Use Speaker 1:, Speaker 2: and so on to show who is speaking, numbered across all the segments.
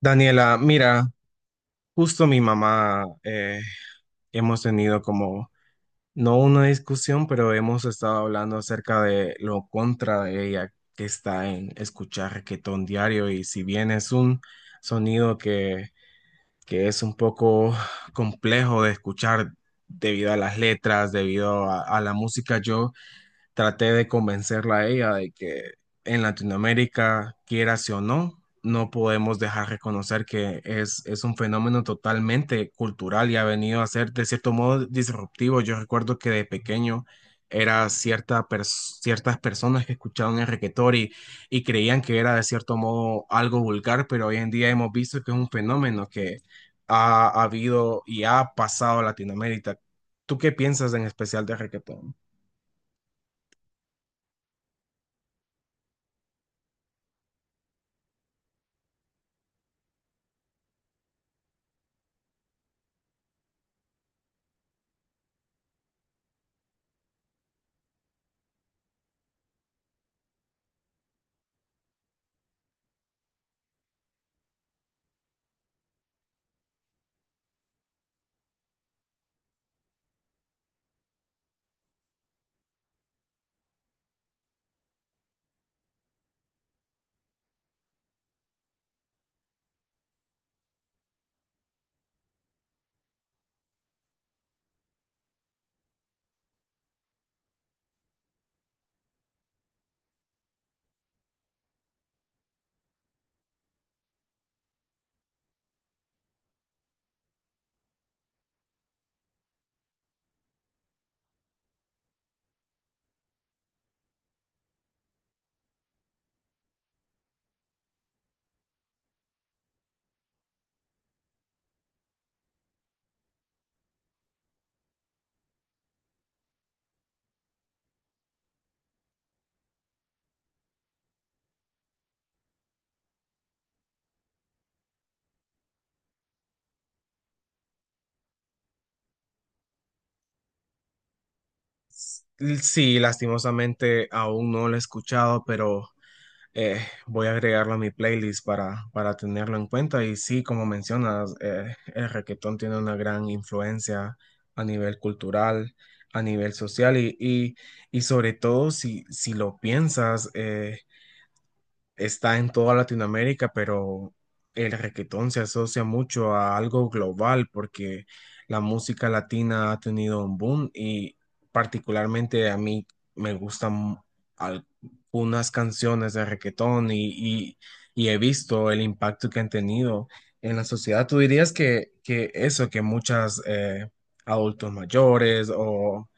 Speaker 1: Daniela, mira, justo mi mamá, hemos tenido como, no una discusión, pero hemos estado hablando acerca de lo contra de ella que está en escuchar reggaetón diario. Y si bien es un sonido que es un poco complejo de escuchar debido a las letras, debido a la música, yo traté de convencerla a ella de que en Latinoamérica, quieras o no, no podemos dejar de reconocer que es un fenómeno totalmente cultural y ha venido a ser de cierto modo disruptivo. Yo recuerdo que de pequeño era ciertas personas que escuchaban el reggaetón y creían que era de cierto modo algo vulgar, pero hoy en día hemos visto que es un fenómeno que ha habido y ha pasado a Latinoamérica. ¿Tú qué piensas en especial de reggaetón? Sí, lastimosamente aún no lo he escuchado, pero eh, voy a agregarlo a mi playlist para tenerlo en cuenta. Y sí, como mencionas, el reggaetón tiene una gran influencia a nivel cultural, a nivel social y sobre todo si lo piensas, está en toda Latinoamérica, pero el requetón se asocia mucho a algo global porque la música latina ha tenido un boom y particularmente a mí me gustan al- algunas canciones de requetón y- y he visto el impacto que han tenido en la sociedad. ¿Tú dirías que eso, que muchas adultos mayores o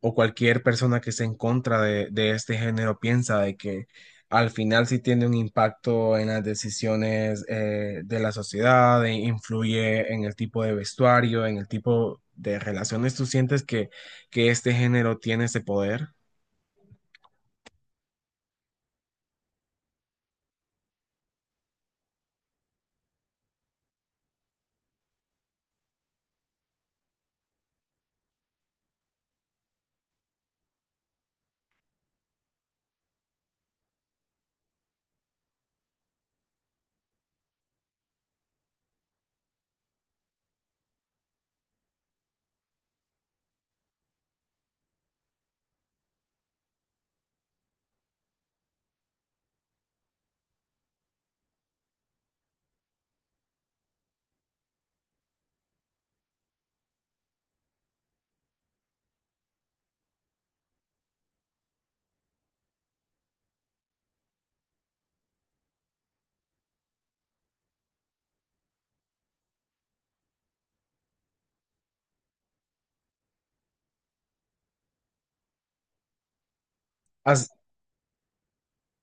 Speaker 1: cualquier persona que esté en contra de este género piensa de que al final sí tiene un impacto en las decisiones, de la sociedad, e influye en el tipo de vestuario, en el tipo de relaciones? ¿Tú sientes que este género tiene ese poder?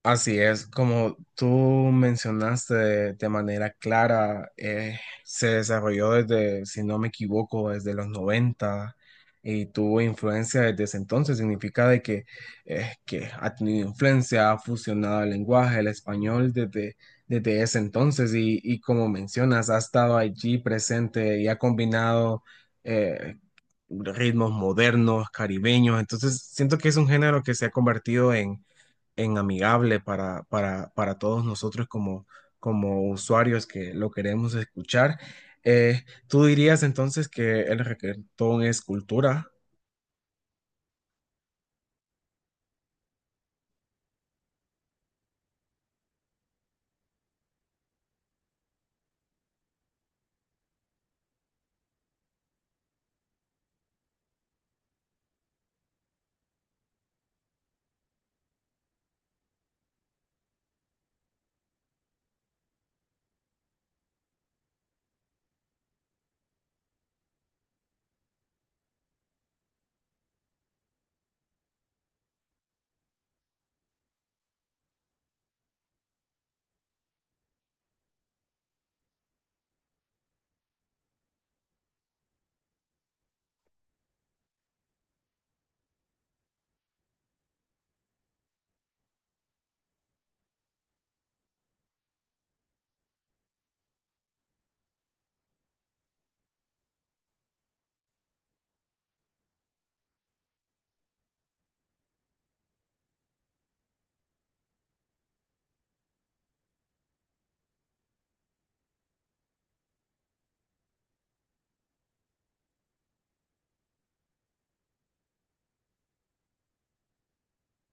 Speaker 1: Así es, como tú mencionaste de manera clara, se desarrolló desde, si no me equivoco, desde los 90 y tuvo influencia desde ese entonces. Significa de que ha tenido influencia, ha fusionado el lenguaje, el español desde ese entonces y como mencionas, ha estado allí presente y ha combinado eh, ritmos modernos, caribeños. Entonces, siento que es un género que se ha convertido en amigable para todos nosotros como, como usuarios que lo queremos escuchar. ¿Tú dirías entonces que el reggaetón es cultura?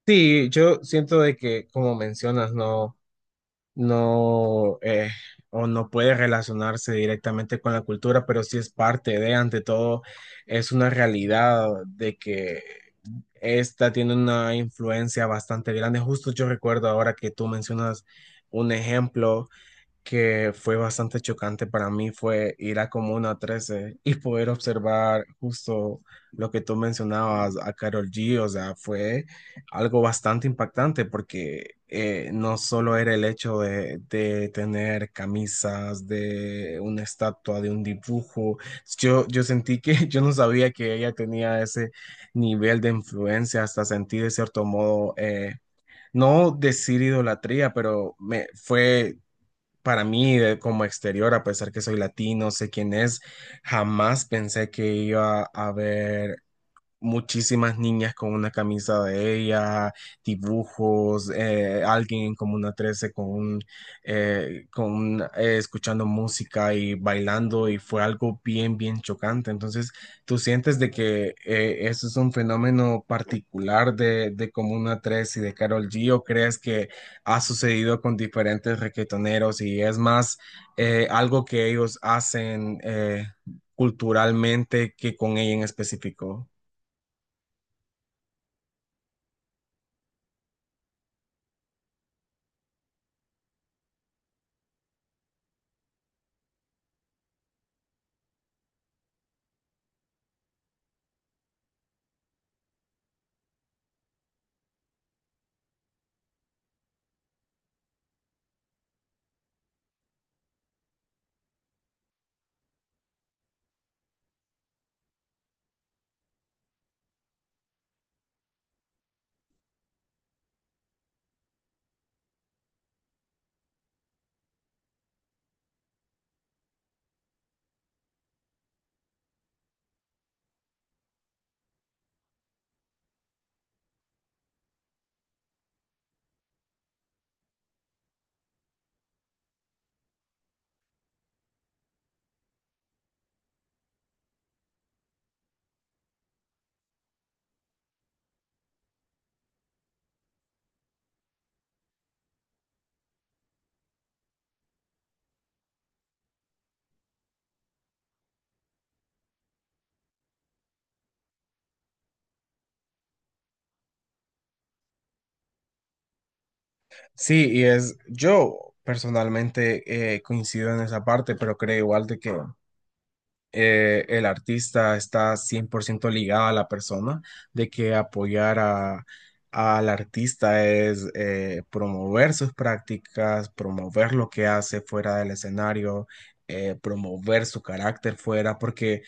Speaker 1: Sí, yo siento de que, como mencionas, no, no, o no puede relacionarse directamente con la cultura, pero sí es parte de, ante todo, es una realidad de que esta tiene una influencia bastante grande. Justo yo recuerdo ahora que tú mencionas un ejemplo que fue bastante chocante para mí fue ir a Comuna 13 y poder observar justo lo que tú mencionabas a Karol G. O sea, fue algo bastante impactante porque no solo era el hecho de tener camisas, de una estatua, de un dibujo. Yo sentí que yo no sabía que ella tenía ese nivel de influencia, hasta sentí de cierto modo, no decir idolatría, pero me fue para mí, como exterior, a pesar que soy latino, sé quién es, jamás pensé que iba a haber muchísimas niñas con una camisa de ella, dibujos, alguien en Comuna 13 con un, escuchando música y bailando, y fue algo bien, bien chocante. Entonces, tú sientes de que eso es un fenómeno particular de Comuna 13 y de Karol G, o crees que ha sucedido con diferentes requetoneros y es más algo que ellos hacen culturalmente que con ella en específico. Sí, y es, yo personalmente coincido en esa parte, pero creo igual de que el artista está 100% ligado a la persona, de que apoyar al artista es promover sus prácticas, promover lo que hace fuera del escenario, promover su carácter fuera, porque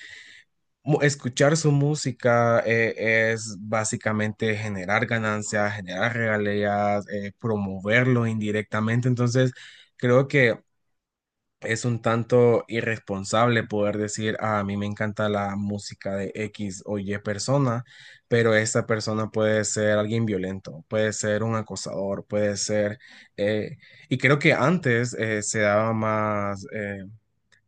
Speaker 1: escuchar su música es básicamente generar ganancias, generar regalías, promoverlo indirectamente. Entonces, creo que es un tanto irresponsable poder decir: "Ah, a mí me encanta la música de X o Y persona, pero esta persona puede ser alguien violento, puede ser un acosador, puede ser... eh, y creo que antes se daba más,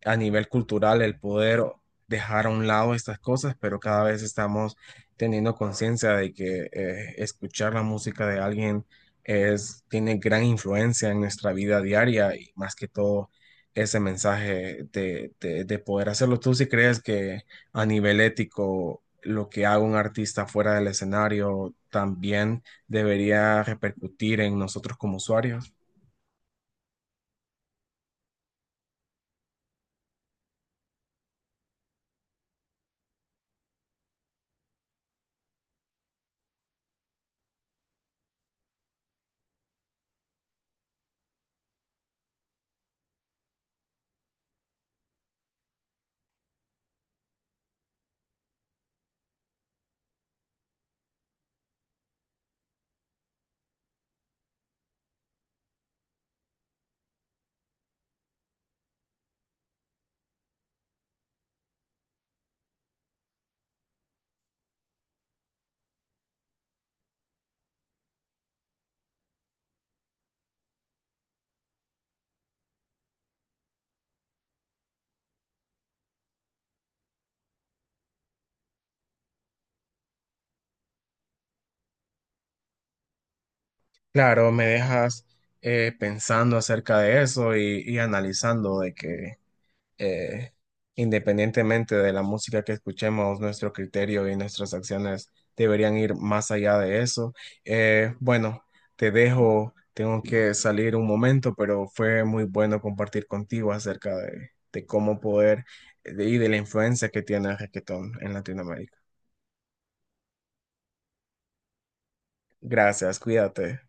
Speaker 1: a nivel cultural, el poder dejar a un lado estas cosas, pero cada vez estamos teniendo conciencia de que escuchar la música de alguien es, tiene gran influencia en nuestra vida diaria, y más que todo ese mensaje de poder hacerlo. ¿Tú si crees que a nivel ético lo que haga un artista fuera del escenario también debería repercutir en nosotros como usuarios? Claro, me dejas pensando acerca de eso y analizando de que, eh, independientemente de la música que escuchemos, nuestro criterio y nuestras acciones deberían ir más allá de eso. Bueno, te dejo, tengo que salir un momento, pero fue muy bueno compartir contigo acerca de cómo poder y de la influencia que tiene el reggaetón en Latinoamérica. Gracias, cuídate.